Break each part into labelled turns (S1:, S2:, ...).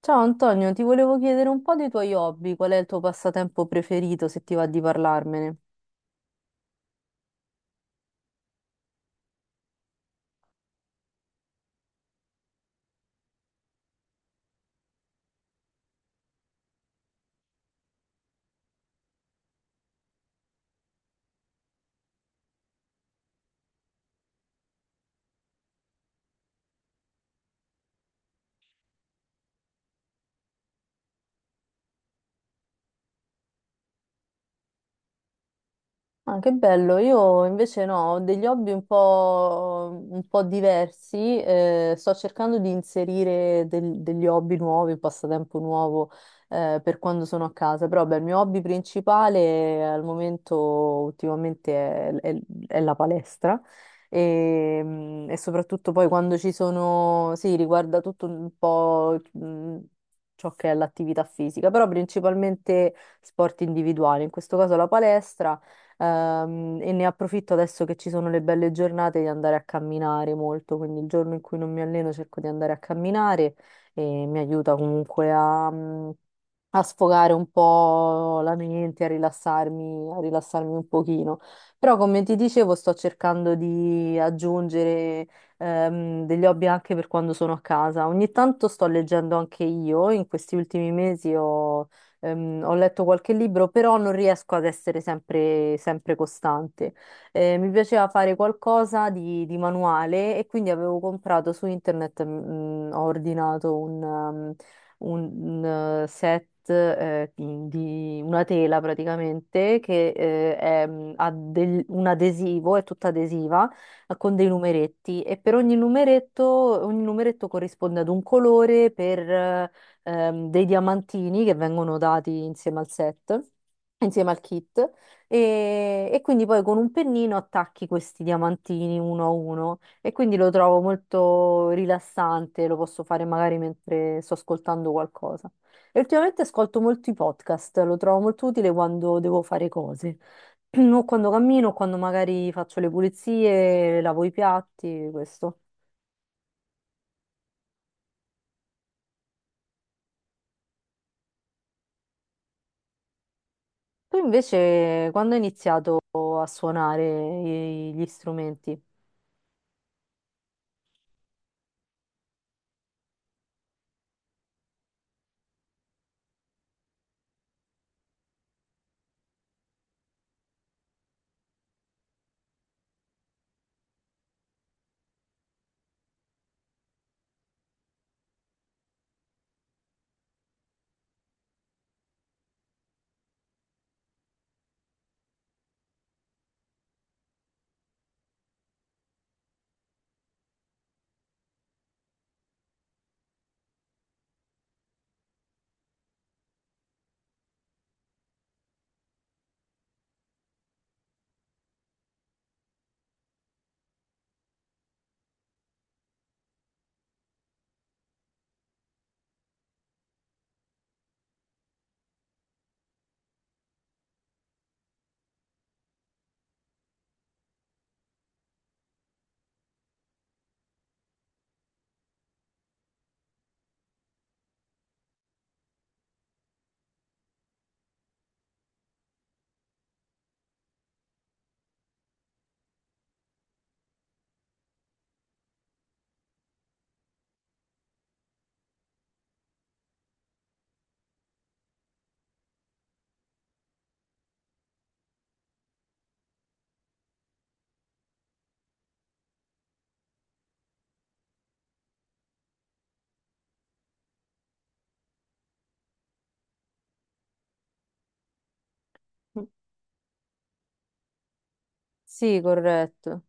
S1: Ciao Antonio, ti volevo chiedere un po' dei tuoi hobby, qual è il tuo passatempo preferito, se ti va di parlarmene? Ah, che bello, io invece no, ho degli hobby un po' diversi. Eh, sto cercando di inserire degli hobby nuovi, un passatempo nuovo per quando sono a casa, però beh, il mio hobby principale al momento ultimamente è la palestra e, e soprattutto poi quando ci sono, sì, riguarda tutto un po', ciò che è l'attività fisica, però principalmente sport individuali, in questo caso la palestra. E ne approfitto adesso che ci sono le belle giornate di andare a camminare molto, quindi il giorno in cui non mi alleno cerco di andare a camminare e mi aiuta comunque a, a sfogare un po' la mente, a rilassarmi un pochino. Però, come ti dicevo, sto cercando di aggiungere degli hobby anche per quando sono a casa. Ogni tanto sto leggendo anche io. In questi ultimi mesi ho letto qualche libro, però non riesco ad essere sempre, sempre costante. Mi piaceva fare qualcosa di manuale e quindi avevo comprato su internet, ho ordinato un set di una tela praticamente che è, un adesivo, è tutta adesiva, con dei numeretti e per ogni numeretto corrisponde ad un colore per dei diamantini che vengono dati insieme al set. Insieme al kit, e quindi poi con un pennino attacchi questi diamantini uno a uno. E quindi lo trovo molto rilassante, lo posso fare magari mentre sto ascoltando qualcosa. E ultimamente ascolto molti podcast, lo trovo molto utile quando devo fare cose, o quando cammino, o quando magari faccio le pulizie, lavo i piatti, questo. Tu invece, quando hai iniziato a suonare gli strumenti? Sì, corretto.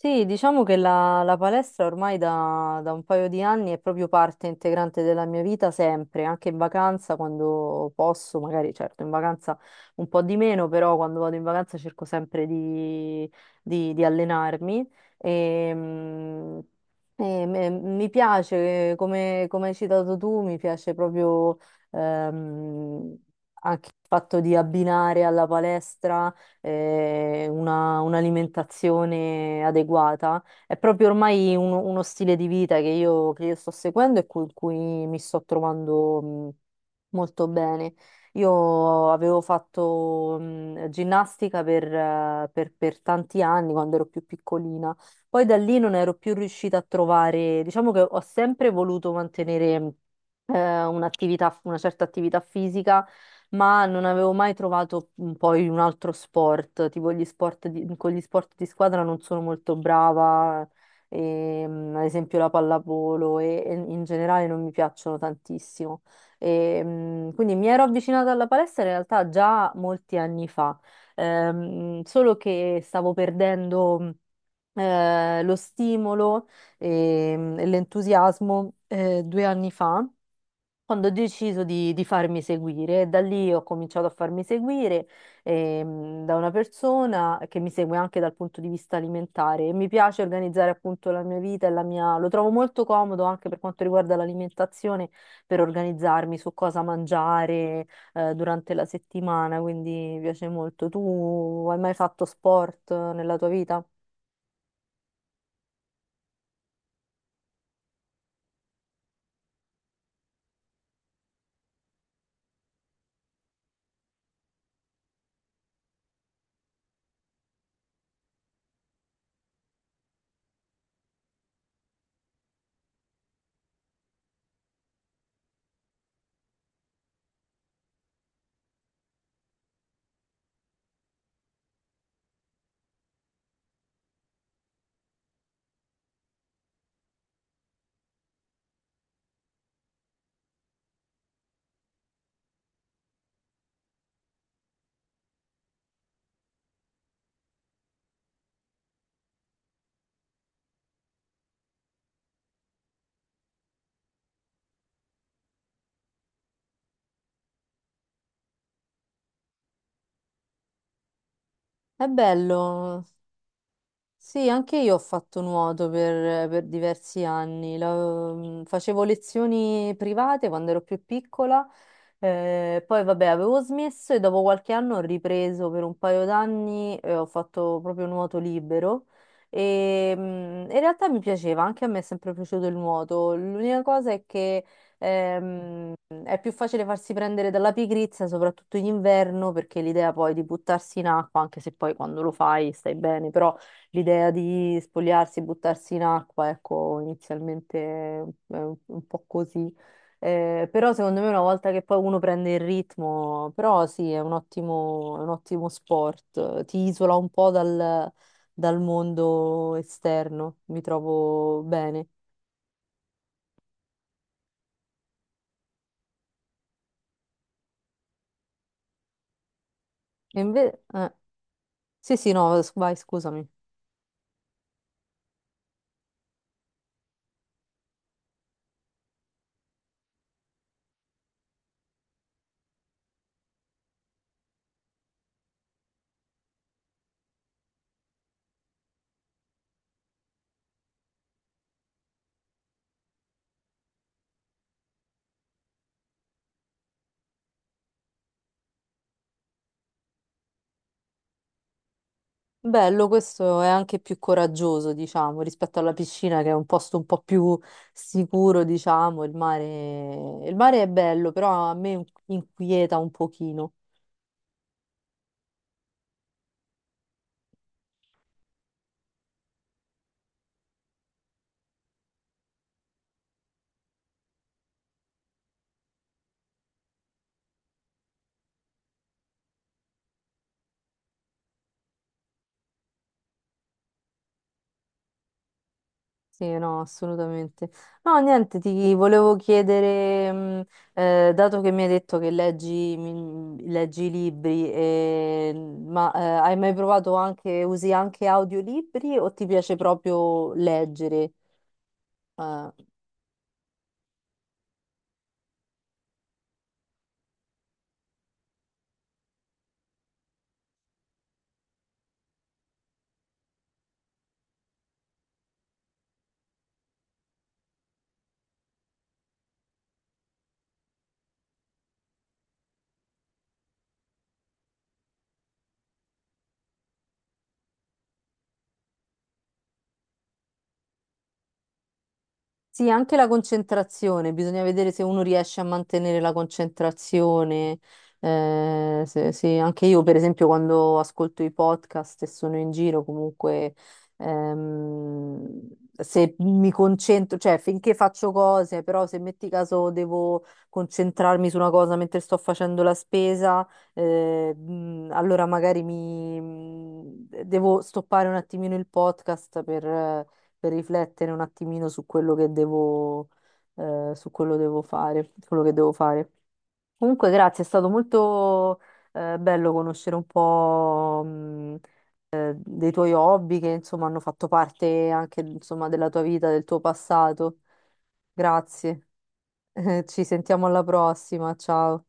S1: Sì, diciamo che la, la palestra ormai da, da un paio di anni è proprio parte integrante della mia vita sempre, anche in vacanza quando posso, magari certo in vacanza un po' di meno, però quando vado in vacanza cerco sempre di, di allenarmi. E, e mi piace, come, come hai citato tu, mi piace proprio, ehm, anche il fatto di abbinare alla palestra un'alimentazione adeguata. È proprio ormai uno, uno stile di vita che io sto seguendo e con cui mi sto trovando molto bene. Io avevo fatto ginnastica per, per tanti anni quando ero più piccolina, poi da lì non ero più riuscita a trovare. Diciamo che ho sempre voluto mantenere un'attività, una certa attività fisica, ma non avevo mai trovato, poi un altro sport, tipo gli sport con gli sport di squadra non sono molto brava, e, ad esempio la pallavolo e in generale non mi piacciono tantissimo. E, quindi mi ero avvicinata alla palestra in realtà già molti anni fa. Solo che stavo perdendo lo stimolo e, e l'entusiasmo, due anni fa, quando ho deciso di farmi seguire, da lì ho cominciato a farmi seguire da una persona che mi segue anche dal punto di vista alimentare. E mi piace organizzare appunto la mia vita e la mia... lo trovo molto comodo anche per quanto riguarda l'alimentazione, per organizzarmi su cosa mangiare durante la settimana, quindi mi piace molto. Tu hai mai fatto sport nella tua vita? È bello. Sì, anche io ho fatto nuoto per diversi anni. Facevo lezioni private quando ero più piccola, poi vabbè avevo smesso e dopo qualche anno ho ripreso per un paio d'anni e ho fatto proprio nuoto libero. E, in realtà mi piaceva, anche a me è sempre piaciuto il nuoto. L'unica cosa è che ehm, è più facile farsi prendere dalla pigrizia, soprattutto in inverno, perché l'idea poi di buttarsi in acqua, anche se poi quando lo fai stai bene, però l'idea di spogliarsi e buttarsi in acqua, ecco, inizialmente è un po' così. Però secondo me una volta che poi uno prende il ritmo, però sì, è un ottimo sport, ti isola un po' dal, dal mondo esterno, mi trovo bene. E inve- eh, sì, sì, no, vai, scusami. Bello, questo è anche più coraggioso, diciamo, rispetto alla piscina che è un posto un po' più sicuro. Diciamo, il mare è bello, però a me inquieta un pochino. Sì, no, assolutamente. No, niente, ti volevo chiedere, dato che mi hai detto che leggi, leggi libri, ma eh, hai mai provato anche, usi anche audiolibri o ti piace proprio leggere? Eh, Sì, anche la concentrazione, bisogna vedere se uno riesce a mantenere la concentrazione. Anche io, per esempio, quando ascolto i podcast e sono in giro, comunque, se mi concentro, cioè finché faccio cose, però se metti caso devo concentrarmi su una cosa mentre sto facendo la spesa, allora magari mi devo stoppare un attimino il podcast per riflettere un attimino su quello che devo, su quello devo fare, quello che devo fare. Comunque, grazie, è stato molto, bello conoscere un po', dei tuoi hobby che, insomma, hanno fatto parte anche, insomma, della tua vita, del tuo passato. Grazie. Ci sentiamo alla prossima, ciao.